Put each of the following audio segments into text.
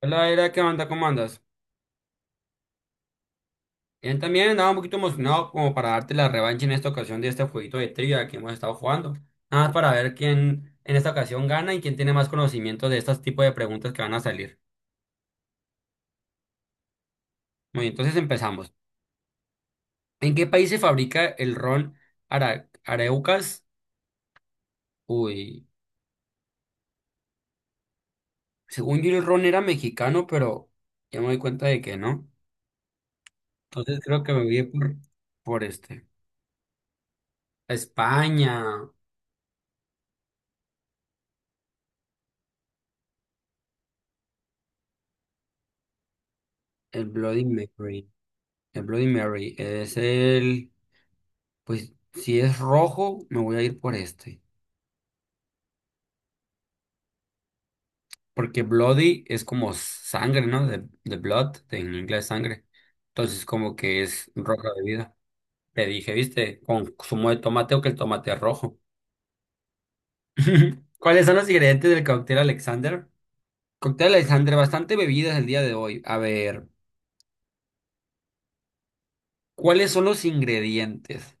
Hola, era ¿qué onda? ¿Cómo andas? Bien, también andaba un poquito emocionado como para darte la revancha en esta ocasión de este jueguito de trivia que hemos estado jugando. Nada más para ver quién en esta ocasión gana y quién tiene más conocimiento de estos tipos de preguntas que van a salir. Muy bien, entonces empezamos. ¿En qué país se fabrica el ron Araucas? Uy, según yo el ron era mexicano, pero ya me doy cuenta de que no. Entonces creo que me voy a ir por este. España, el Bloody Mary. El Bloody Mary es el... Pues si es rojo, me voy a ir por este. Porque bloody es como sangre, ¿no? De blood, en inglés sangre. Entonces como que es roja de vida. Te dije, ¿viste? Con zumo de tomate o que el tomate es rojo. ¿Cuáles son los ingredientes del cóctel Alexander? Cóctel Alexander, bastante bebidas el día de hoy. A ver, ¿cuáles son los ingredientes?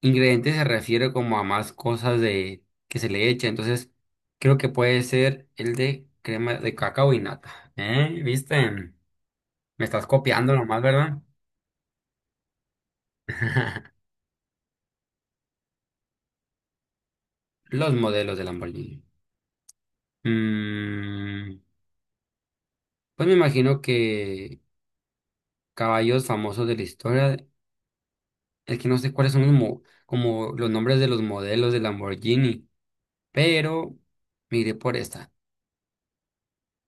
Ingrediente se refiere como a más cosas de que se le echa, entonces creo que puede ser el de crema de cacao y nata. ¿Eh? ¿Viste? Me estás copiando nomás, ¿verdad? Los modelos de Lamborghini. Mm, pues me imagino que caballos famosos de la historia, es que no sé cuáles son como los nombres de los modelos de Lamborghini, pero me iré por esta.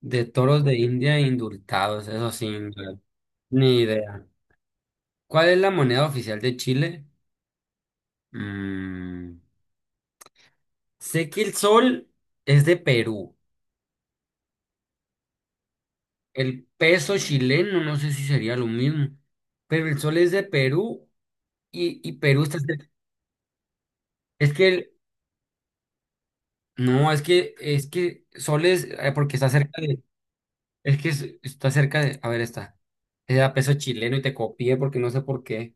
De toros de India indultados, eso sí, no, ni idea. ¿Cuál es la moneda oficial de Chile? Mm, sé que el sol es de Perú. El peso chileno, no sé si sería lo mismo. Pero el sol es de Perú y Perú está cerca. Es que el- no, es que sol es, porque está cerca de, está cerca de, a ver, está. Era peso chileno y te copié porque no sé por qué.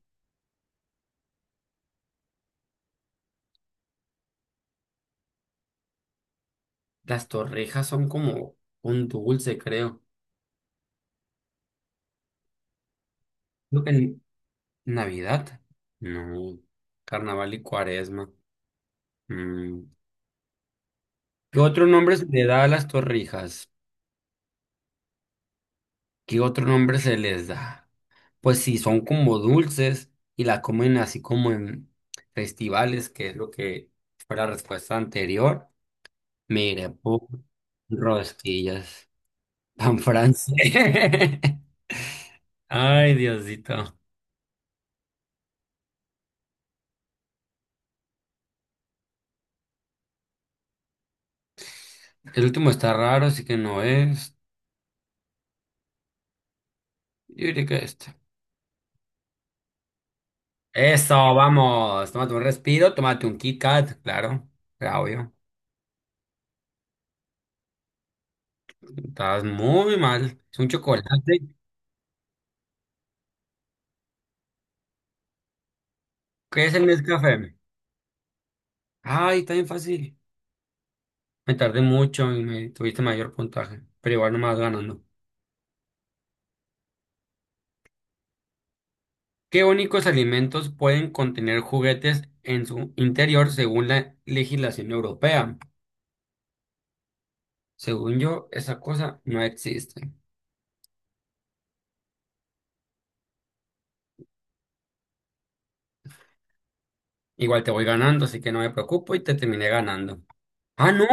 Las torrejas son como un dulce, creo. No, en Navidad. No. Carnaval y Cuaresma. Mm, ¿Qué otro nombre se le da a las torrijas? ¿Qué otro nombre se les da? Pues sí, son como dulces y la comen así como en festivales, que es lo que fue la respuesta anterior. Mire, rosquillas, pan francés. Ay, Diosito. El último está raro, así que no es. Yo diría que este. Eso, vamos. Tómate un respiro, tómate un Kit Kat, claro. Claro, obvio. Estás muy mal. Es un chocolate. ¿Qué es el Nescafé? Ay, está bien fácil. Me tardé mucho y me tuviste mayor puntaje, pero igual no me vas ganando. ¿Qué únicos alimentos pueden contener juguetes en su interior según la legislación europea? Según yo, esa cosa no existe. Igual te voy ganando, así que no me preocupo y te terminé ganando. Ah, no,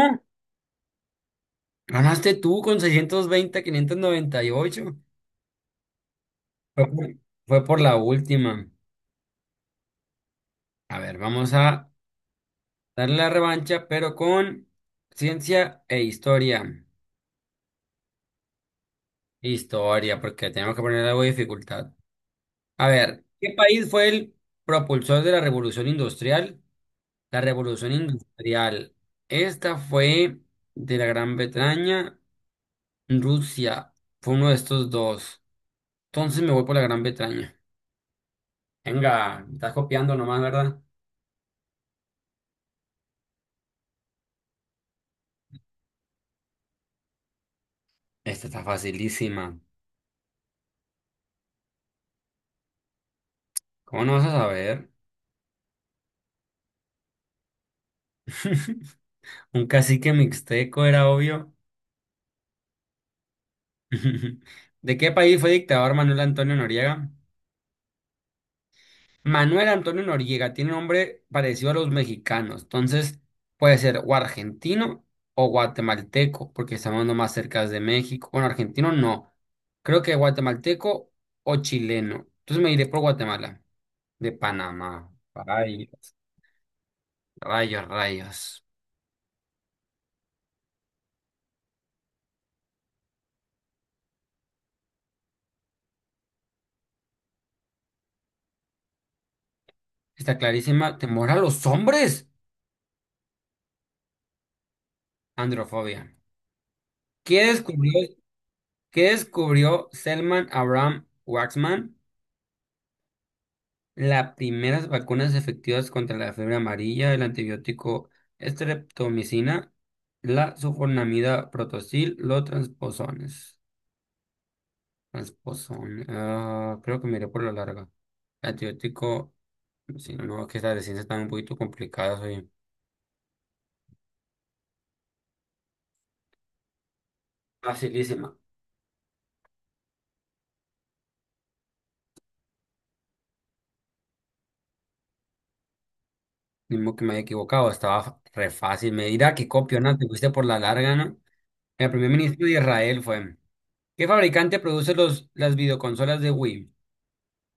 ganaste tú con 620, 598. Fue por, fue por la última. A ver, vamos a darle la revancha, pero con ciencia e historia. Historia, porque tenemos que poner algo de dificultad. A ver, ¿qué país fue el propulsor de la revolución industrial? La revolución industrial. Esta fue de la Gran Bretaña, Rusia. Fue uno de estos dos. Entonces me voy por la Gran Bretaña. Venga, me estás copiando nomás, ¿verdad? Esta está facilísima. ¿Cómo no vas a saber? Un cacique mixteco era obvio. ¿De qué país fue dictador Manuel Antonio Noriega? Manuel Antonio Noriega tiene un nombre parecido a los mexicanos, entonces puede ser o argentino o guatemalteco, porque estamos no más cerca de México. Bueno, argentino no, creo que guatemalteco o chileno. Entonces me iré por Guatemala, de Panamá. Rayos, rayos, rayos. Está clarísima. ¿Temor a los hombres? Androfobia. ¿Qué descubrió, ¿qué descubrió Selman Abraham Waxman? Las primeras vacunas efectivas contra la fiebre amarilla, el antibiótico estreptomicina, la sulfonamida protosil, los transposones. Transposón. Ah, creo que miré por la larga. Antibiótico, si no, no, que las ciencias están un poquito complicadas hoy. Facilísima. Mismo que me haya equivocado, estaba re fácil. Me dirá que copio, ¿no? Te fuiste por la larga, ¿no? El primer ministro de Israel fue. ¿Qué fabricante produce las videoconsolas de Wii?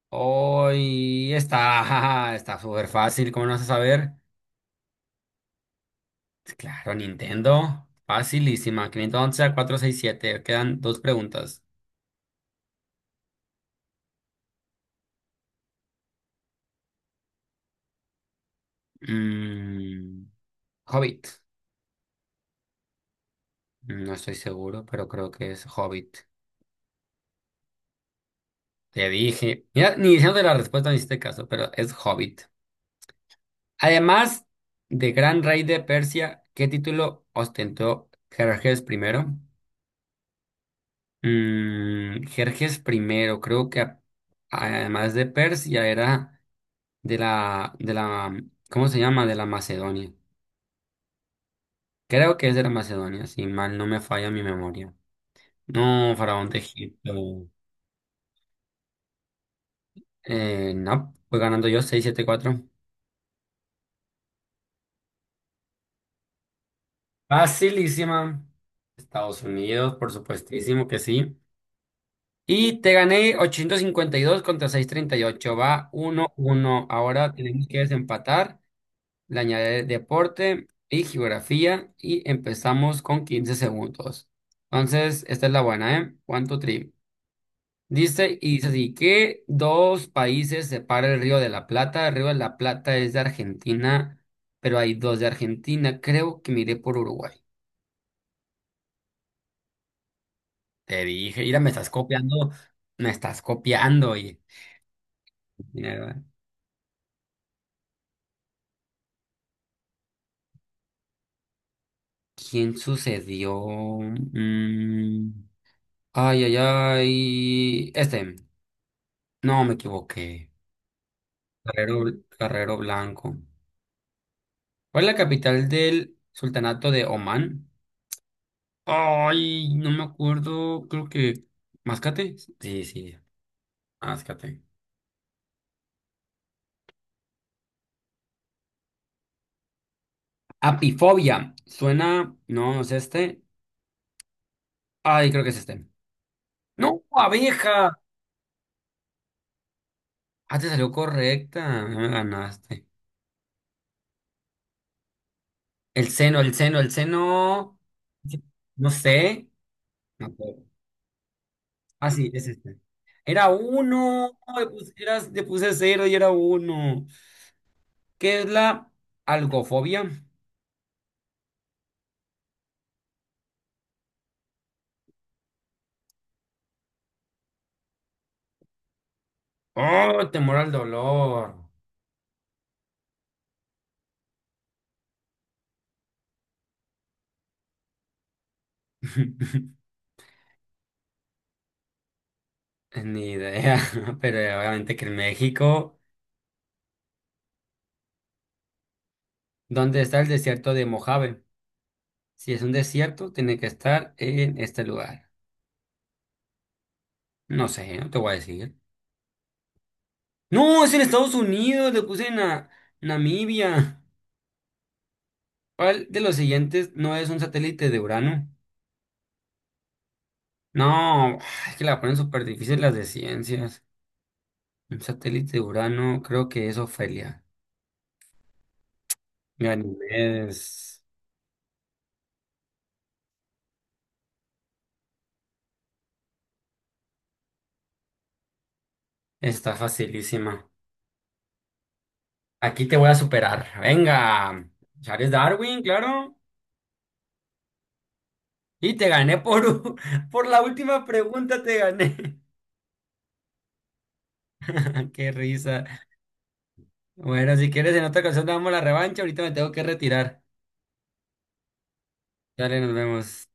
Hoy está, está súper fácil, ¿cómo no vas a saber? Claro, Nintendo, facilísima. 511 a 467, quedan dos preguntas. Mm, Hobbit, no estoy seguro, pero creo que es Hobbit. Te dije, mira, ni diciéndote la respuesta, en este caso, pero es Hobbit. Además de Gran Rey de Persia, ¿qué título ostentó Jerjes primero? Jerjes primero, creo que además de Persia era... de la, ¿cómo se llama? De la Macedonia. Creo que es de la Macedonia, si mal no me falla mi memoria. No, Faraón de Egipto. No, voy ganando yo 674. Facilísima. Estados Unidos, por supuestísimo que sí. Y te gané 852 contra 638. Va 1-1. Ahora tenemos que desempatar. Le añadiré deporte y geografía. Y empezamos con 15 segundos. Entonces, esta es la buena, ¿eh? One, two, three. Dice, y dice así, ¿qué dos países separa el Río de la Plata? El Río de la Plata es de Argentina, pero hay dos de Argentina. Creo que miré por Uruguay. Te dije, mira, me estás copiando, oye. Mierda. ¿Quién sucedió? Mm, Ay, ay, ay. Este, no me equivoqué. Carrero, Carrero Blanco. ¿Cuál es la capital del Sultanato de Omán? Ay, no me acuerdo, creo que... ¿Mascate? Sí, sí. Mascate. Apifobia. Suena... No, no es este. Ay, creo que es este. No, abeja. Ah, te salió correcta. No me ganaste. El seno, el seno, el seno. No sé. No puedo. Ah, sí, es este. Era uno. Le puse cero y era uno. ¿Qué es la algofobia? Oh, temor al dolor. Ni idea, pero obviamente que en México, ¿dónde está el desierto de Mojave? Si es un desierto, tiene que estar en este lugar. No sé, no te voy a decir. No, es en Estados Unidos, le puse en Namibia. ¿Cuál de los siguientes no es un satélite de Urano? No, es que la ponen súper difícil las de ciencias. Un satélite de Urano, creo que es Ofelia. Ganimedes, está facilísima. Aquí te voy a superar. Venga. Charles Darwin, claro. Y te gané por, por la última pregunta, te gané. Qué risa. Bueno, si quieres, en otra ocasión damos la revancha. Ahorita me tengo que retirar. Dale, nos vemos.